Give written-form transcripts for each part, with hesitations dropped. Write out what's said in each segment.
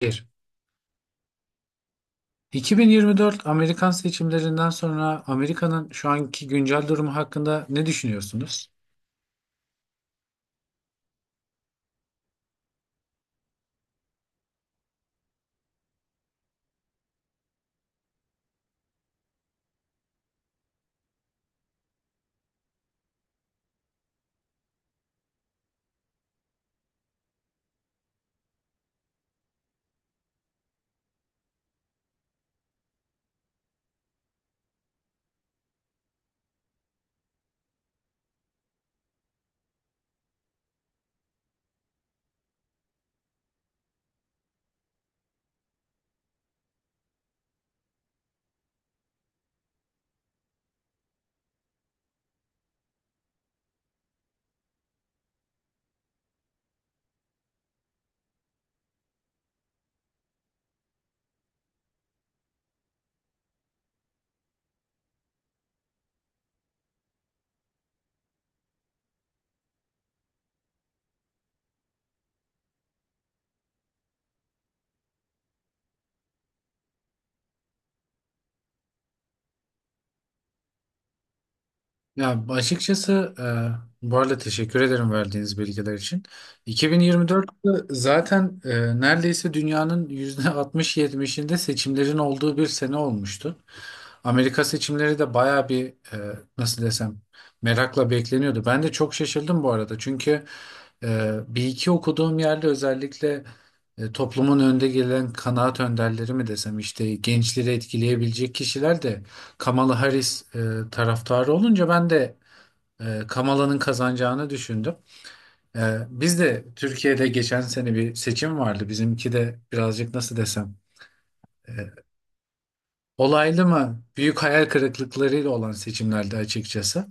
Bir. 2024 Amerikan seçimlerinden sonra Amerika'nın şu anki güncel durumu hakkında ne düşünüyorsunuz? Ya açıkçası, bu arada teşekkür ederim verdiğiniz bilgiler için. 2024'te zaten neredeyse dünyanın %60-70'inde seçimlerin olduğu bir sene olmuştu. Amerika seçimleri de baya bir, nasıl desem, merakla bekleniyordu. Ben de çok şaşırdım bu arada, çünkü bir iki okuduğum yerde özellikle toplumun önde gelen kanaat önderleri mi desem, işte gençleri etkileyebilecek kişiler de Kamala Harris taraftarı olunca ben de Kamala'nın kazanacağını düşündüm. E, Biz de Türkiye'de geçen sene bir seçim vardı. Bizimki de birazcık, nasıl desem, olaylı mı, büyük hayal kırıklıklarıyla olan seçimlerdi açıkçası.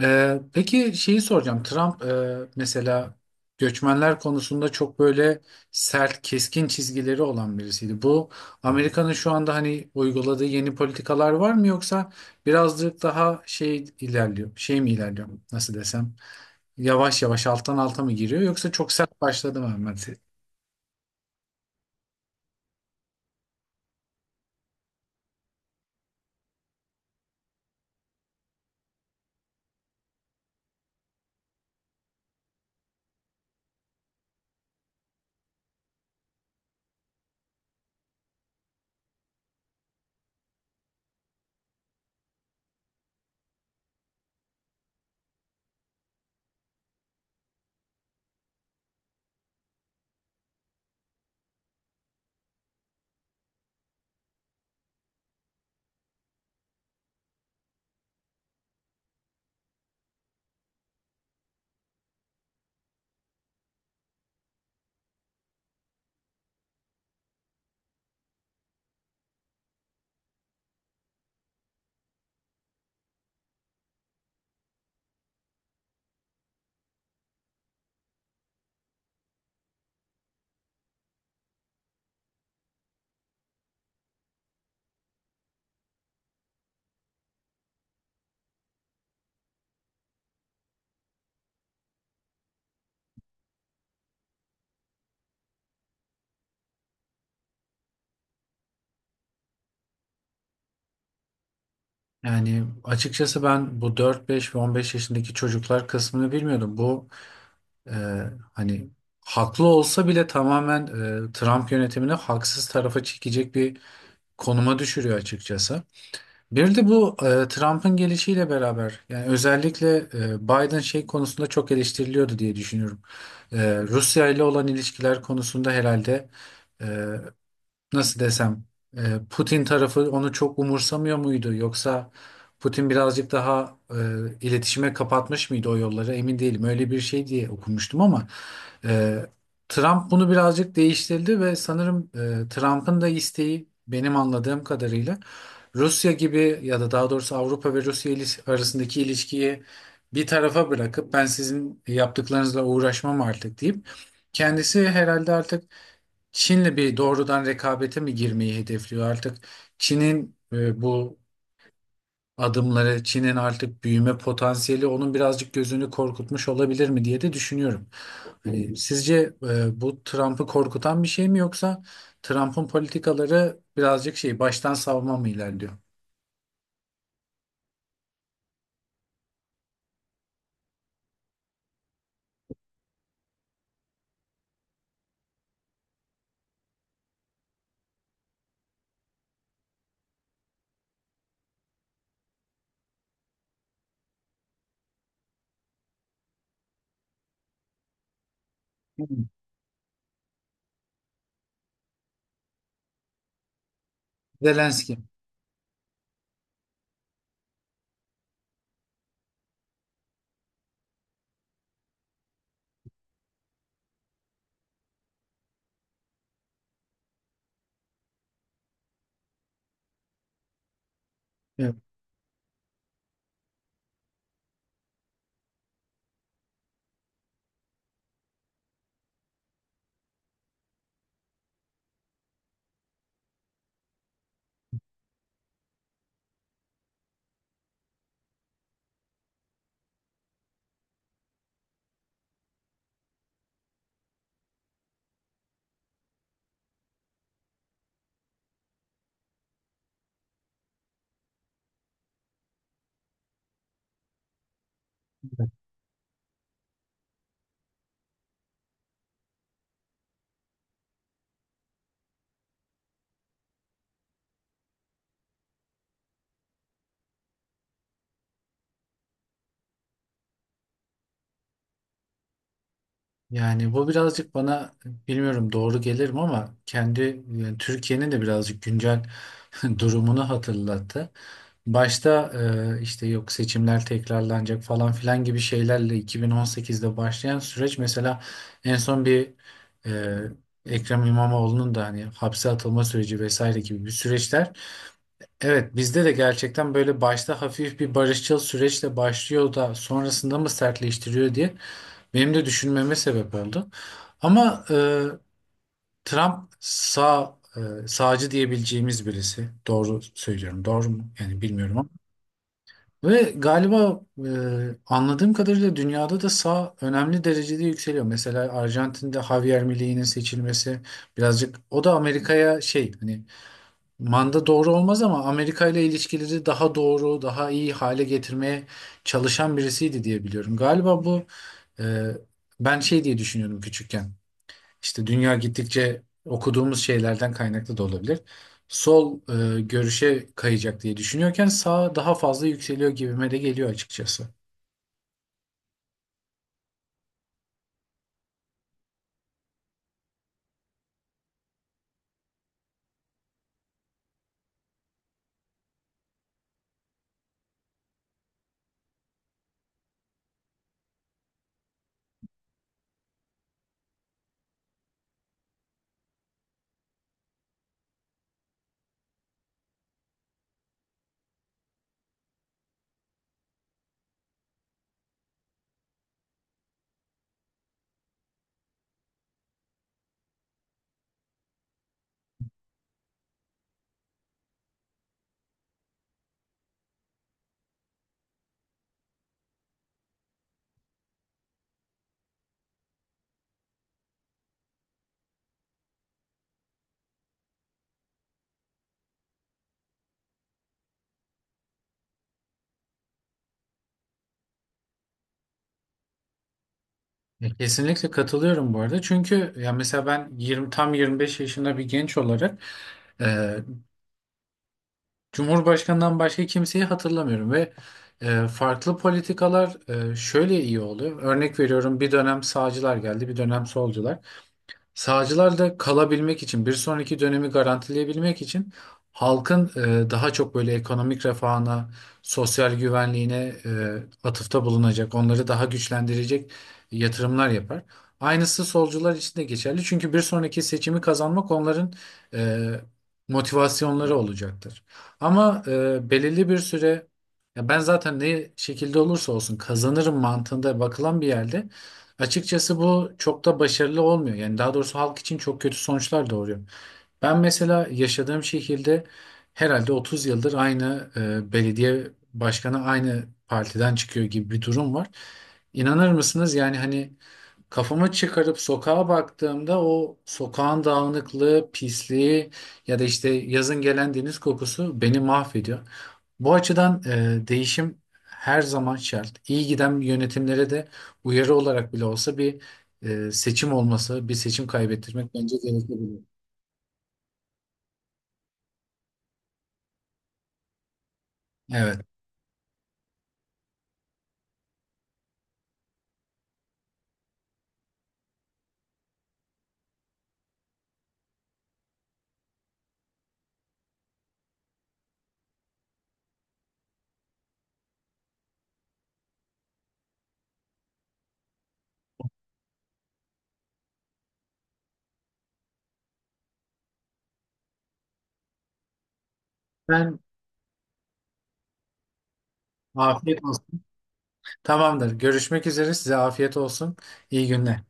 Peki şeyi soracağım. Trump mesela göçmenler konusunda çok böyle sert, keskin çizgileri olan birisiydi. Bu Amerika'nın şu anda hani uyguladığı yeni politikalar var mı, yoksa birazcık daha şey ilerliyor, şey mi ilerliyor, nasıl desem? Yavaş yavaş alttan alta mı giriyor, yoksa çok sert başladı mı Ahmet? Yani açıkçası ben bu 4, 5 ve 15 yaşındaki çocuklar kısmını bilmiyordum. Bu, e, hani, haklı olsa bile tamamen Trump yönetimini haksız tarafa çekecek bir konuma düşürüyor açıkçası. Bir de bu, Trump'ın gelişiyle beraber, yani özellikle Biden şey konusunda çok eleştiriliyordu diye düşünüyorum. Rusya ile olan ilişkiler konusunda herhalde, e, nasıl desem, Putin tarafı onu çok umursamıyor muydu, yoksa Putin birazcık daha iletişime kapatmış mıydı o yolları, emin değilim, öyle bir şey diye okumuştum. Ama e, Trump bunu birazcık değiştirdi ve sanırım Trump'ın da isteği, benim anladığım kadarıyla, Rusya gibi, ya da daha doğrusu Avrupa ve Rusya ilis- arasındaki ilişkiyi bir tarafa bırakıp, ben sizin yaptıklarınızla uğraşmam artık deyip, kendisi herhalde artık Çin'le bir doğrudan rekabete mi girmeyi hedefliyor artık? Çin'in, bu adımları, Çin'in artık büyüme potansiyeli onun birazcık gözünü korkutmuş olabilir mi diye de düşünüyorum. Hani sizce bu Trump'ı korkutan bir şey mi, yoksa Trump'ın politikaları birazcık şey, baştan savma mı ilerliyor? Hmm. Zelenski. Evet. Yani bu birazcık bana, bilmiyorum doğru gelir mi ama, kendi, yani Türkiye'nin de birazcık güncel durumunu hatırlattı. Başta işte yok seçimler tekrarlanacak falan filan gibi şeylerle 2018'de başlayan süreç, mesela en son bir, e, Ekrem İmamoğlu'nun da hani hapse atılma süreci vesaire gibi bir süreçler. Evet, bizde de gerçekten böyle başta hafif bir barışçıl süreçle başlıyor da sonrasında mı sertleştiriyor diye benim de düşünmeme sebep oldu. Ama Trump sağ, sağcı diyebileceğimiz birisi. Doğru söylüyorum. Doğru mu? Yani bilmiyorum ama. Ve galiba, anladığım kadarıyla, dünyada da sağ önemli derecede yükseliyor. Mesela Arjantin'de Javier Milei'nin seçilmesi, birazcık o da Amerika'ya şey, hani manda doğru olmaz ama, Amerika ile ilişkileri daha doğru, daha iyi hale getirmeye çalışan birisiydi diye biliyorum. Galiba bu, e, ben şey diye düşünüyordum küçükken. İşte dünya gittikçe, okuduğumuz şeylerden kaynaklı da olabilir, sol, görüşe kayacak diye düşünüyorken sağ daha fazla yükseliyor gibime de geliyor açıkçası. Ya, kesinlikle katılıyorum bu arada. Çünkü ya mesela, ben 20 tam 25 yaşında bir genç olarak e, Cumhurbaşkanından başka kimseyi hatırlamıyorum ve farklı politikalar, şöyle iyi oluyor. Örnek veriyorum, bir dönem sağcılar geldi, bir dönem solcular. Sağcılar da kalabilmek için, bir sonraki dönemi garantileyebilmek için, halkın daha çok böyle ekonomik refahına, sosyal güvenliğine e, atıfta bulunacak, onları daha güçlendirecek yatırımlar yapar. Aynısı solcular için de geçerli. Çünkü bir sonraki seçimi kazanmak onların e, motivasyonları olacaktır. Ama belirli bir süre, ya ben zaten ne şekilde olursa olsun kazanırım mantığında bakılan bir yerde, açıkçası bu çok da başarılı olmuyor. Yani daha doğrusu halk için çok kötü sonuçlar doğuruyor. Ben mesela yaşadığım şehirde herhalde 30 yıldır aynı belediye başkanı aynı partiden çıkıyor gibi bir durum var. İnanır mısınız? Yani hani, kafamı çıkarıp sokağa baktığımda, o sokağın dağınıklığı, pisliği ya da işte yazın gelen deniz kokusu beni mahvediyor. Bu açıdan, değişim her zaman şart. İyi giden yönetimlere de uyarı olarak bile olsa bir, seçim olması, bir seçim kaybettirmek bence gerekebilir. Evet. Ben. Afiyet olsun. Tamamdır. Görüşmek üzere. Size afiyet olsun. İyi günler.